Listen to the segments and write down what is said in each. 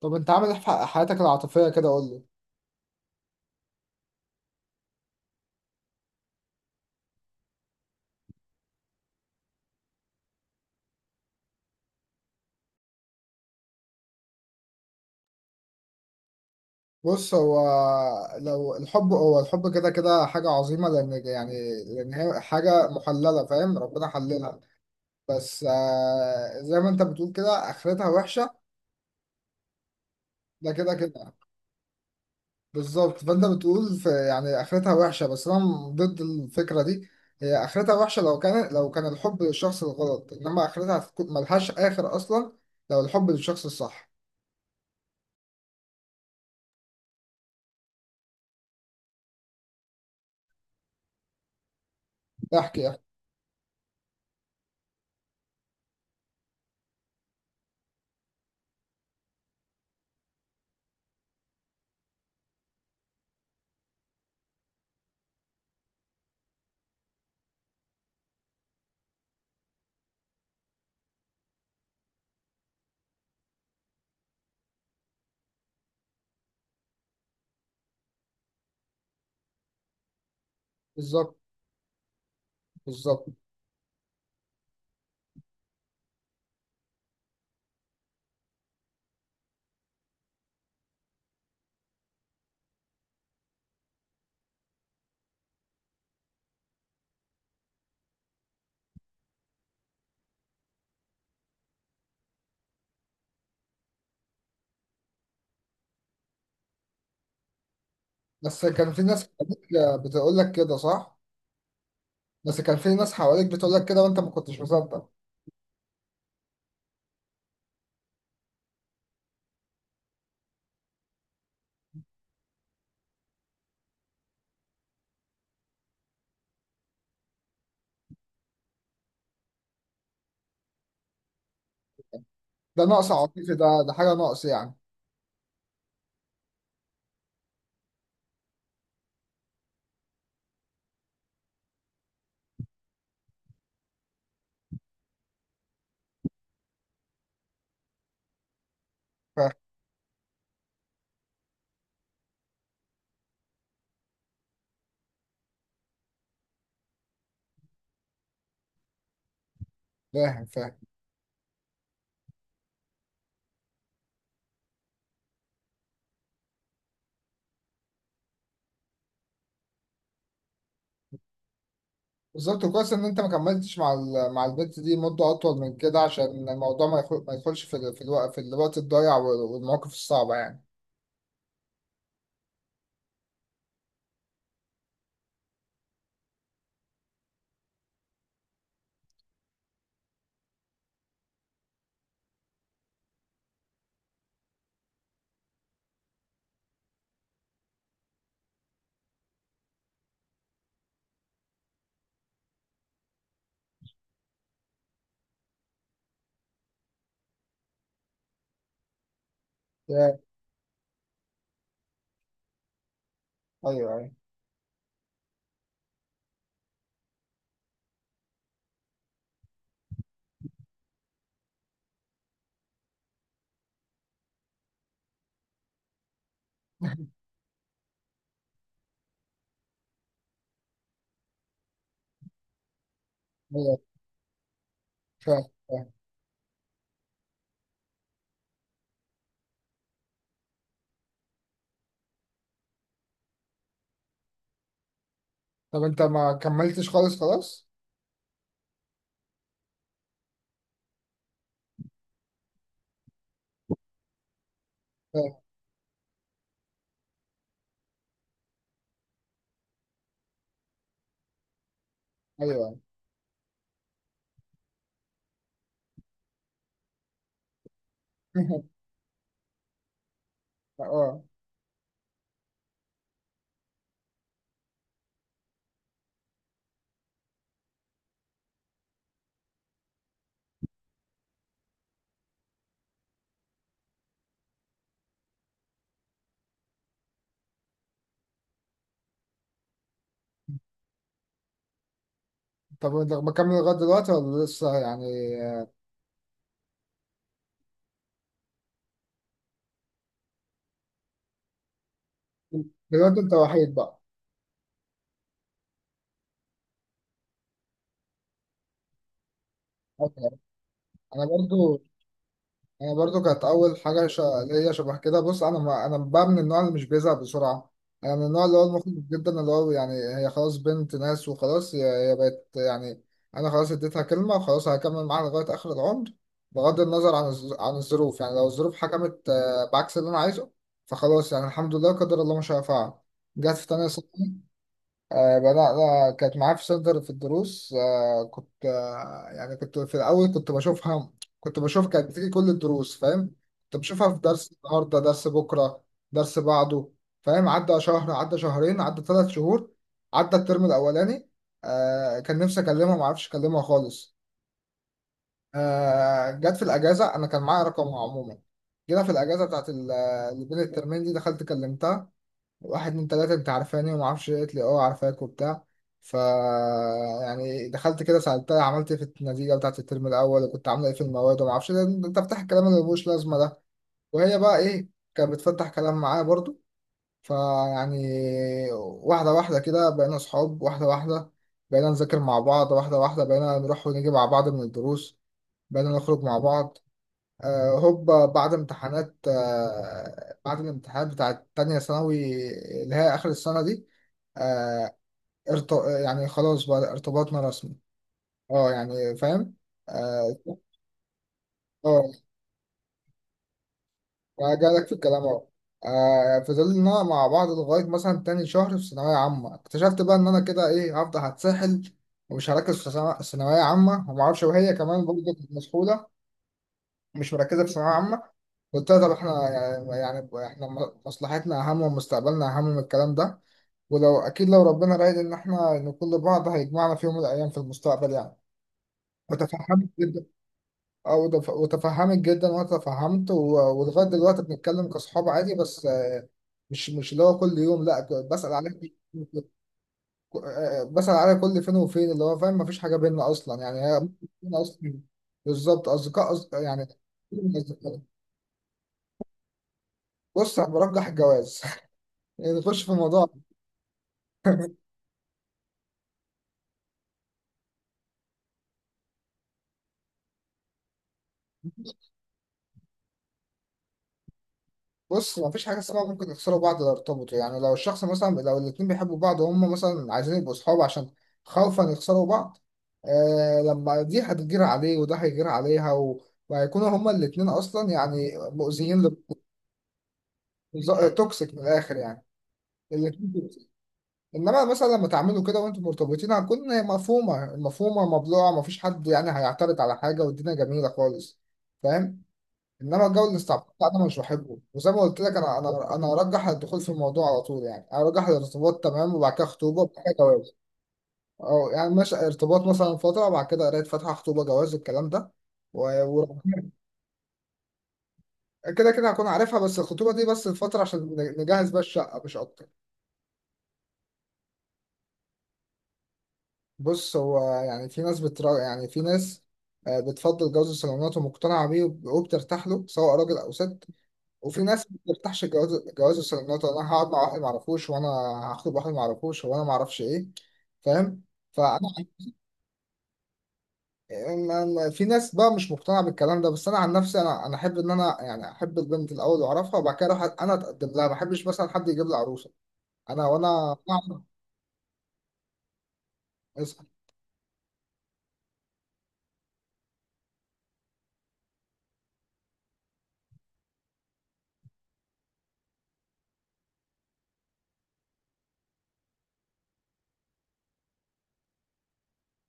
طب انت عامل ايه في حياتك العاطفية كده، قول لي. بص هو، لو الحب هو الحب كده كده حاجة عظيمة، لأن يعني لأن هي حاجة محللة، فاهم؟ ربنا حللها. بس زي ما انت بتقول كده آخرتها وحشة. ده كده كده. بالظبط، فانت بتقول في يعني آخرتها وحشة، بس أنا ضد الفكرة دي. هي آخرتها وحشة لو كان الحب للشخص الغلط، إنما آخرتها هتكون ملهاش آخر أصلا لو الحب للشخص الصح. احكي احكي. بالظبط بالظبط. بس كان في ناس حواليك بتقول لك كده، صح؟ بس كان في ناس حواليك بتقول لك كده وانت ما كنتش مصدق. ده نقص عاطفي، ده حاجه نقص يعني. فاهم، فاهم، فاهم. بالظبط، كويس ان انت ما كملتش مع مع البنت دي مده اطول من كده، عشان الموضوع ما يدخلش في في الوقت الضايع والمواقف الصعبه يعني. يا- ايوه، ايوه، ايوه. فاهم فاهم. طب انت ما كملتش خالص؟ خلاص. فاهم. ايوه، أيوة. اه. طب انت مكمل لغايه دلوقتي ولا لسه يعني؟ دلوقتي انت وحيد بقى. انا برضو انا برضو كانت اول حاجه ليا شبه كده. بص انا ما... انا بقى من النوع اللي مش بيزعل بسرعه. انا من النوع اللي هو المخلص جدا، اللي هو يعني هي خلاص بنت ناس، وخلاص هي بقت يعني. انا خلاص اديتها كلمه، وخلاص هكمل معاها لغايه اخر العمر. بغض النظر عن عن الظروف. يعني لو الظروف حكمت بعكس اللي انا عايزه، فخلاص يعني الحمد لله، قدر الله ما شاء فعل. جت في تانية ثانوي. بدأنا كانت معايا في صدر في الدروس. كنت يعني كنت في الأول كنت بشوفها. كنت بشوف كانت بتيجي كل الدروس، فاهم؟ كنت بشوفها في درس النهاردة، درس بكرة، درس بعده. فاهم؟ عدى شهر، عدى شهرين، عدى ثلاث شهور، عدى الترم الأولاني. كان نفسي أكلمها، معرفش أكلمها خالص. جت في الأجازة، أنا كان معايا رقمها عموما. جينا في الأجازة بتاعت اللي بين الترمين دي، دخلت كلمتها. واحد من ثلاثة انت عارفاني وما اعرفش ايه، قالت لي اه عارفاك وبتاع. ف يعني دخلت كده سألتها عملت ايه في النتيجة بتاعت الترم الأول، وكنت عاملة ايه في المواد، وما اعرفش ايه، انت تفتح الكلام اللي ملوش لازمة ده. وهي بقى ايه، كانت بتفتح كلام معايا برضو. فيعني واحدة واحدة كده بقينا صحاب، واحدة واحدة بقينا نذاكر مع بعض، واحدة واحدة بقينا نروح ونيجي مع بعض من الدروس، بقينا نخرج مع بعض. هوبا بعد امتحانات، بعد الامتحانات بتاعت تانية ثانوي اللي هي آخر السنة دي. آه، ارت... يعني خلاص بقى ارتباطنا رسمي. اه يعني، فاهم. اه. آه، جالك في الكلام اهو. فضلنا مع بعض لغاية مثلا تاني شهر في ثانوية عامة، اكتشفت بقى إن أنا كده إيه، هفضل هتسحل ومش هركز في ثانوية عامة ومعرفش، وهي كمان برضه كانت مسحولة، مش مركزة في ثانوية عامة. بالتالي طب احنا يعني احنا مصلحتنا اهم ومستقبلنا اهم من الكلام ده. ولو اكيد لو ربنا رايد ان احنا نكون لبعض، هيجمعنا في يوم من الايام في المستقبل يعني. وتفهمت جدا. وتفهمت جدا، وانا تفهمت ولغايه دلوقتي بنتكلم كاصحاب عادي، بس مش اللي هو كل يوم، لا بسال عليك. بسال عليك كل فين وفين اللي هو، فاهم؟ مفيش حاجه بيننا اصلا، يعني هي ممكن تكون اصلا بالظبط اصدقاء، أصدقاء يعني. بص أنا برجح الجواز. نخش في الموضوع. بص، ما فيش حاجه اسمها ممكن يخسروا بعض لو ارتبطوا، يعني لو الشخص مثلا، لو الاتنين بيحبوا بعض وهم مثلا عايزين يبقوا صحاب عشان خوفا يخسروا بعض، آه، لما دي هتجير عليه وده هيجير عليها وهيكونوا هما الاتنين اصلا يعني مؤذيين ز- توكسيك من الاخر يعني، الاتنين دول. انما مثلا لما تعملوا كده وانتوا مرتبطين هتكون مفهومه مفهومه مبلوعه، مفيش حد يعني هيعترض على حاجه، والدنيا جميله خالص، فاهم؟ انما الجو الاستعباط ده انا مش بحبه، وزي ما قلت لك انا انا ارجح الدخول في الموضوع على طول، يعني ارجح الارتباط، تمام، وبعد كده خطوبه، وبعد كده جواز. او يعني ماشي ارتباط مثلا فتره، وبعد كده قرايه فاتحه، خطوبه، جواز الكلام ده و- وربنا- كده كده هكون عارفها، بس الخطوبه دي بس الفتره عشان نجهز بقى الشقه مش اكتر. بص هو يعني في ناس بترا، يعني في ناس بتفضل جواز الصالونات ومقتنعه بيه وبترتاح له، سواء راجل او ست. وفي ناس ما بتفتحش جواز، الصالونات، انا هقعد مع واحد ما اعرفوش، وانا هخطب واحد ما اعرفوش، وانا ما اعرفش ايه، فاهم؟ فانا في ناس بقى مش مقتنعه بالكلام ده، بس انا عن نفسي، انا احب ان انا يعني احب البنت الاول واعرفها، وبعد كده اروح انا اتقدم لها، ما احبش مثلا حد يجيب لي عروسه، انا اسال.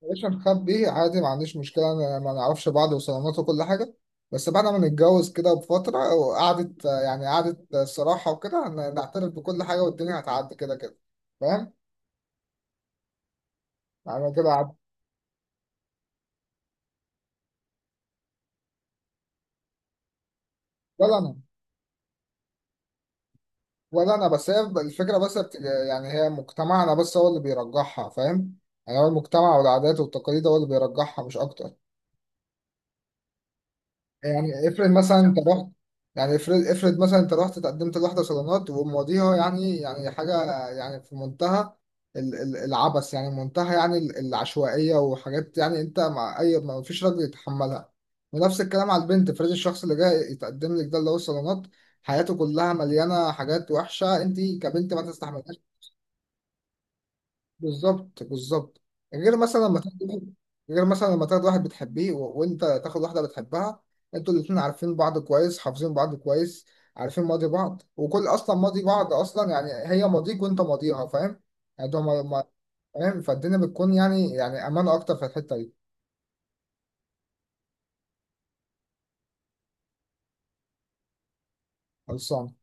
مش نخبي عادي، ما عنديش مشكله، أنا ما نعرفش بعض وصالونات وكل حاجه، بس بعد ما نتجوز كده بفتره، وقعدت يعني قعدت الصراحه وكده، نعترف بكل حاجه، والدنيا هتعدي كده كده، فاهم؟ انا كده عب- ولا انا. ولا انا، بس هي الفكره يعني هي مجتمعنا بس هو اللي بيرجحها، فاهم؟ يعني هو المجتمع والعادات والتقاليد هو اللي بيرجحها مش اكتر. يعني افرض مثلا انت رحت، يعني افرض مثلا انت رحت تقدمت لواحدة صالونات، ومواضيعها يعني حاجة، يعني في منتهى العبث، يعني منتهى يعني العشوائية وحاجات، يعني انت مع اي ما فيش راجل يتحملها. ونفس الكلام على البنت، افرض الشخص اللي جاي يتقدم لك ده اللي هو الصالونات، حياته كلها مليانة حاجات وحشة، انت كبنت ما تستحملهاش. بالظبط بالظبط. غير مثلا لما تاخد واحد- غير مثلا لما تاخد واحد بتحبيه وانت تاخد واحده بتحبها، انتوا الاتنين عارفين بعض كويس، حافظين بعض كويس، عارفين ماضي بعض، وكل اصلا ماضي بعض، اصلا يعني هي ماضيك وانت ماضيها، فاهم؟ يعني ده ما... ما... فاهم، فالدنيا بتكون يعني امان اكتر في الحته دي. خلصان.